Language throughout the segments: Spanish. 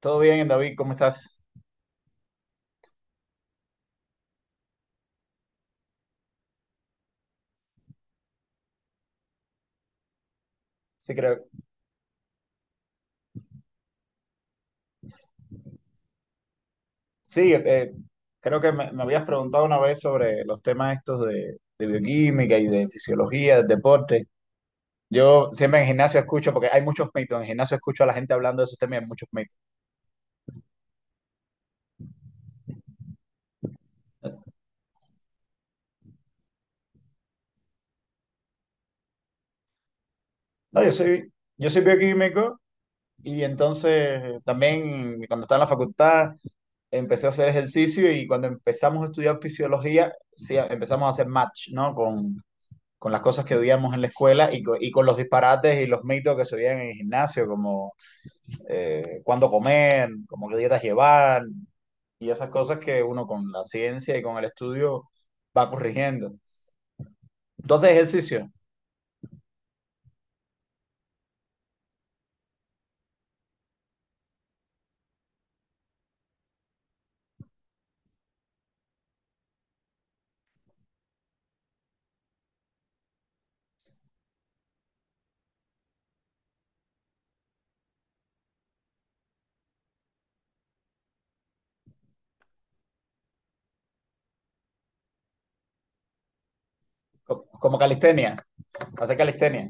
Todo bien, David, ¿cómo estás? Sí, creo, sí, creo que me habías preguntado una vez sobre los temas estos de bioquímica y de fisiología, del deporte. Yo siempre en gimnasio escucho, porque hay muchos mitos, en gimnasio escucho a la gente hablando de esos temas y hay muchos mitos. No, yo soy bioquímico y entonces también cuando estaba en la facultad empecé a hacer ejercicio y cuando empezamos a estudiar fisiología, sí, empezamos a hacer match, ¿no? con las cosas que veíamos en la escuela y, y con los disparates y los mitos que se veían en el gimnasio, como cuándo comer, como qué dietas llevar y esas cosas que uno con la ciencia y con el estudio va corrigiendo. ¿Entonces ejercicio? Como calistenia, hacer calistenia.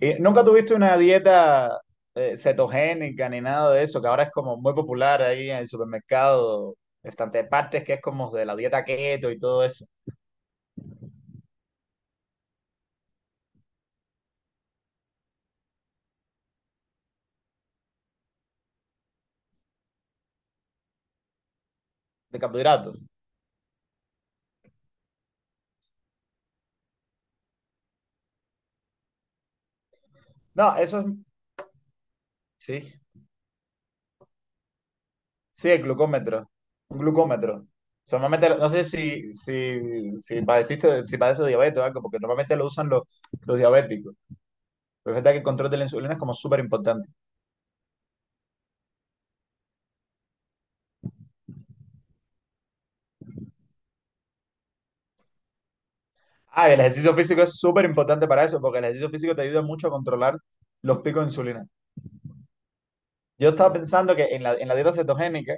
¿Y nunca tuviste una dieta cetogénica ni nada de eso, que ahora es como muy popular ahí en el supermercado, bastante partes que es como de la dieta keto y todo eso, de carbohidratos? No, eso es... Sí. Sí, el glucómetro. Un glucómetro. Normalmente, no sé si padeciste, si padeces diabetes o algo, porque normalmente lo usan los diabéticos. Pero es verdad que el control de la insulina es como súper importante. Ah, y el ejercicio físico es súper importante para eso, porque el ejercicio físico te ayuda mucho a controlar los picos de insulina. Yo estaba pensando que en en la dieta cetogénica,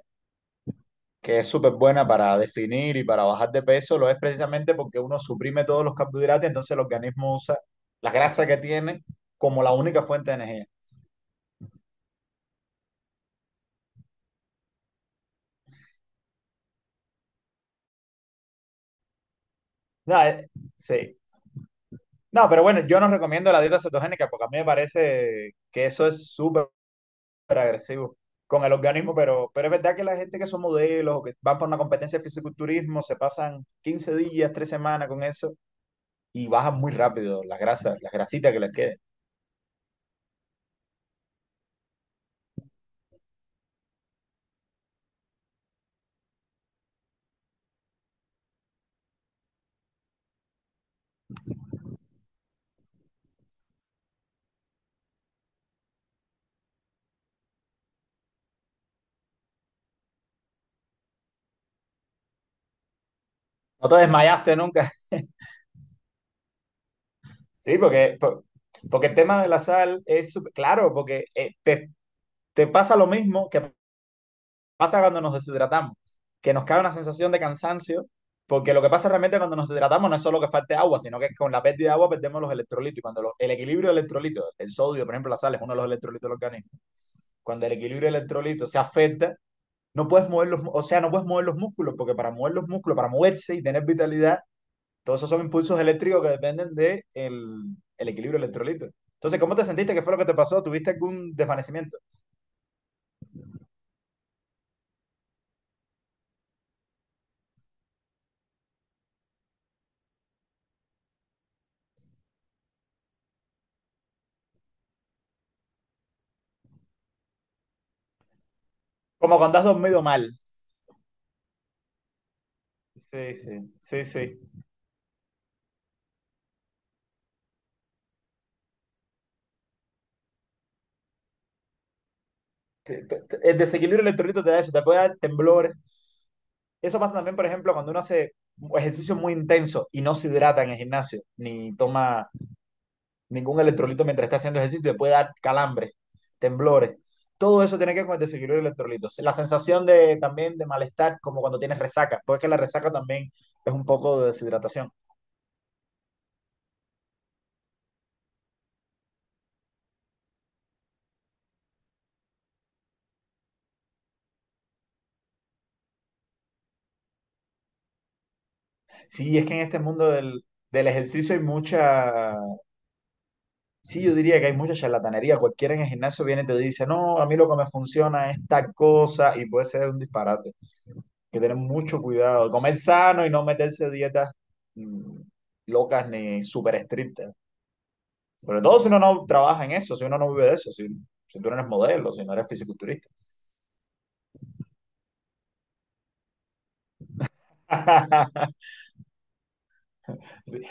que es súper buena para definir y para bajar de peso, lo es precisamente porque uno suprime todos los carbohidratos, entonces el organismo usa la grasa que tiene como la única fuente de energía. No, eh, sí. No, pero bueno, yo no recomiendo la dieta cetogénica porque a mí me parece que eso es súper agresivo con el organismo, pero es verdad que la gente que son modelos o que van por una competencia de fisiculturismo se pasan 15 días, 3 semanas con eso y bajan muy rápido las grasas, las grasitas que les queden. No te desmayaste nunca. Sí, porque, porque el tema de la sal es, súper- claro, porque te pasa lo mismo que pasa cuando nos deshidratamos, que nos cae una sensación de cansancio, porque lo que pasa realmente cuando nos deshidratamos no es solo que falte agua, sino que con la pérdida de agua perdemos los electrolitos. Y cuando el equilibrio de electrolitos, el sodio, por ejemplo, la sal es uno de los electrolitos del organismo, cuando el equilibrio de electrolitos se afecta, no puedes mover los, o sea, no puedes mover los músculos, porque para mover los músculos, para moverse y tener vitalidad, todos esos son impulsos eléctricos que dependen de el equilibrio de electrolitos. Entonces, ¿cómo te sentiste? ¿Qué fue lo que te pasó? ¿Tuviste algún desvanecimiento? Como cuando has dormido mal. Sí, sí, sí, sí. Sí, el desequilibrio electrolítico te da eso, te puede dar temblores. Eso pasa también, por ejemplo, cuando uno hace ejercicio muy intenso y no se hidrata en el gimnasio, ni toma ningún electrolito mientras está haciendo ejercicio, te puede dar calambres, temblores. Todo eso tiene que ver con el desequilibrio electrolítico. La sensación de, también de malestar, como cuando tienes resaca, porque la resaca también es un poco de deshidratación. Sí, es que en este mundo del ejercicio hay mucha, sí, yo diría que hay mucha charlatanería. Cualquiera en el gimnasio viene y te dice, no, a mí lo que me funciona es tal cosa y puede ser un disparate. Hay que tener mucho cuidado, comer sano y no meterse dietas mm, locas ni súper estrictas. Sobre todo si uno no trabaja en eso, si uno no vive de eso, si, si tú no eres modelo, si no eres fisiculturista. Sí.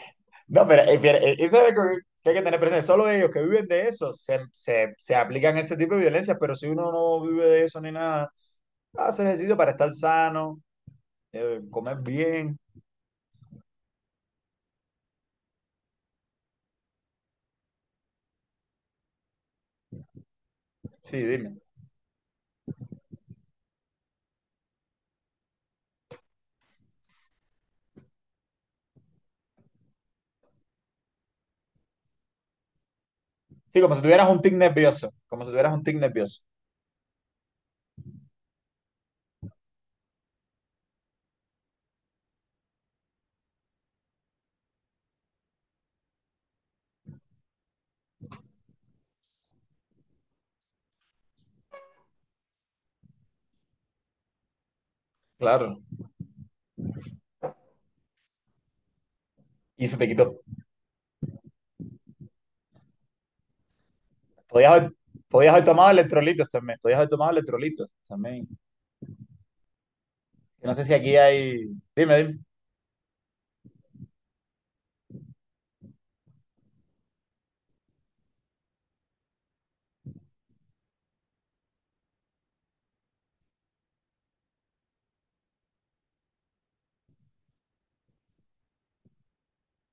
No, eso es algo que hay que tener presente. Solo ellos que viven de eso se aplican ese tipo de violencias, pero si uno no vive de eso ni nada, hacer ejercicio para estar sano, comer bien. Sí, dime. Sí, como si tuvieras un tic nervioso. Como si tuvieras un tic nervioso. Claro. Y se te quitó. Podías haber, podías haber tomado electrolitos también. Podías haber tomado electrolitos también. Yo no sé si aquí hay. Dime, dime.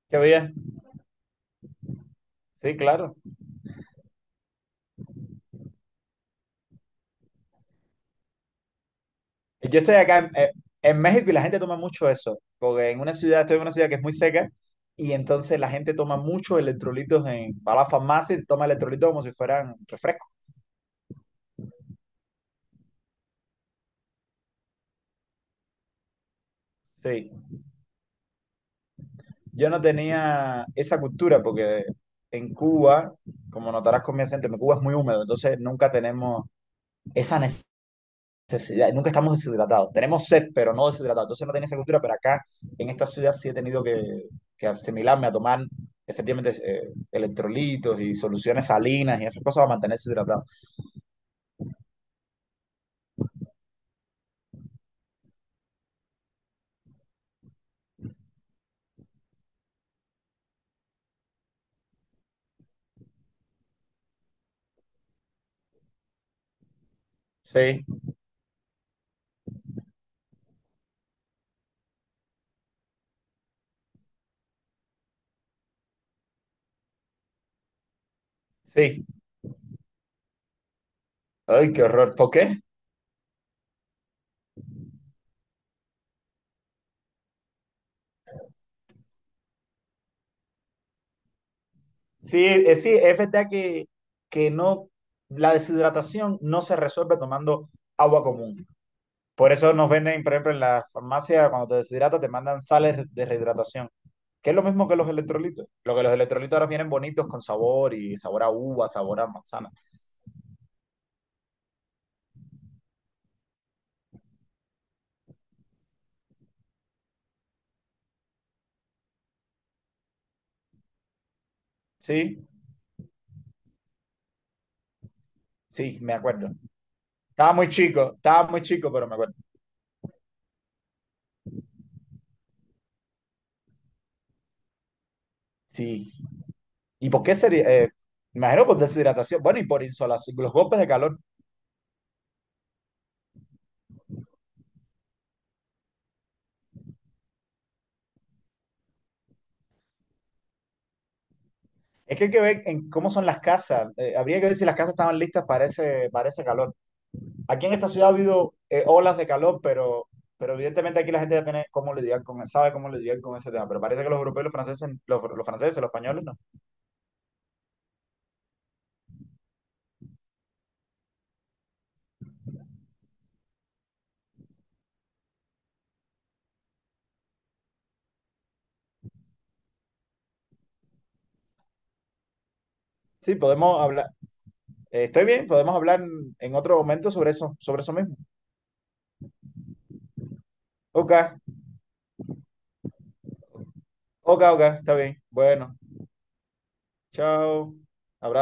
¿Qué había? Sí, claro. Yo estoy acá en México y la gente toma mucho eso. Porque en una ciudad, estoy en una ciudad que es muy seca. Y entonces la gente toma muchos electrolitos en, va a la farmacia y toma electrolitos como si fueran refresco. Sí, yo no tenía esa cultura porque en Cuba, como notarás con mi acento, en Cuba es muy húmedo, entonces nunca tenemos esa necesidad, nunca estamos deshidratados. Tenemos sed, pero no deshidratados. Entonces no tenía esa cultura, pero acá en esta ciudad sí he tenido que asimilarme a tomar efectivamente electrolitos y soluciones salinas y esas cosas para mantenerse hidratado. Sí, sí. Ay, qué horror. ¿Por qué? Sí, sí, es verdad que no, la deshidratación no se resuelve tomando agua común. Por eso nos venden, por ejemplo, en la farmacia, cuando te deshidratas, te mandan sales de rehidratación, que es lo mismo que los electrolitos. Lo que los electrolitos ahora vienen bonitos con sabor y sabor a uva, sabor a manzana. Sí, sí, me acuerdo. Estaba muy chico, pero me acuerdo. Sí. ¿Y por qué sería? Me imagino por deshidratación. Bueno, y por insolación, los golpes de calor. Es que hay que ver en cómo son las casas. Habría que ver si las casas estaban listas para ese calor. Aquí en esta ciudad ha habido olas de calor, pero evidentemente aquí la gente ya tiene cómo lidiar con, sabe cómo lidiar con ese tema. Pero parece que los europeos, los franceses, los franceses, los españoles, no. Sí, podemos hablar. Estoy bien, podemos hablar en otro momento sobre eso mismo. Ok, ok, está bien. Bueno, chao. Abrazo.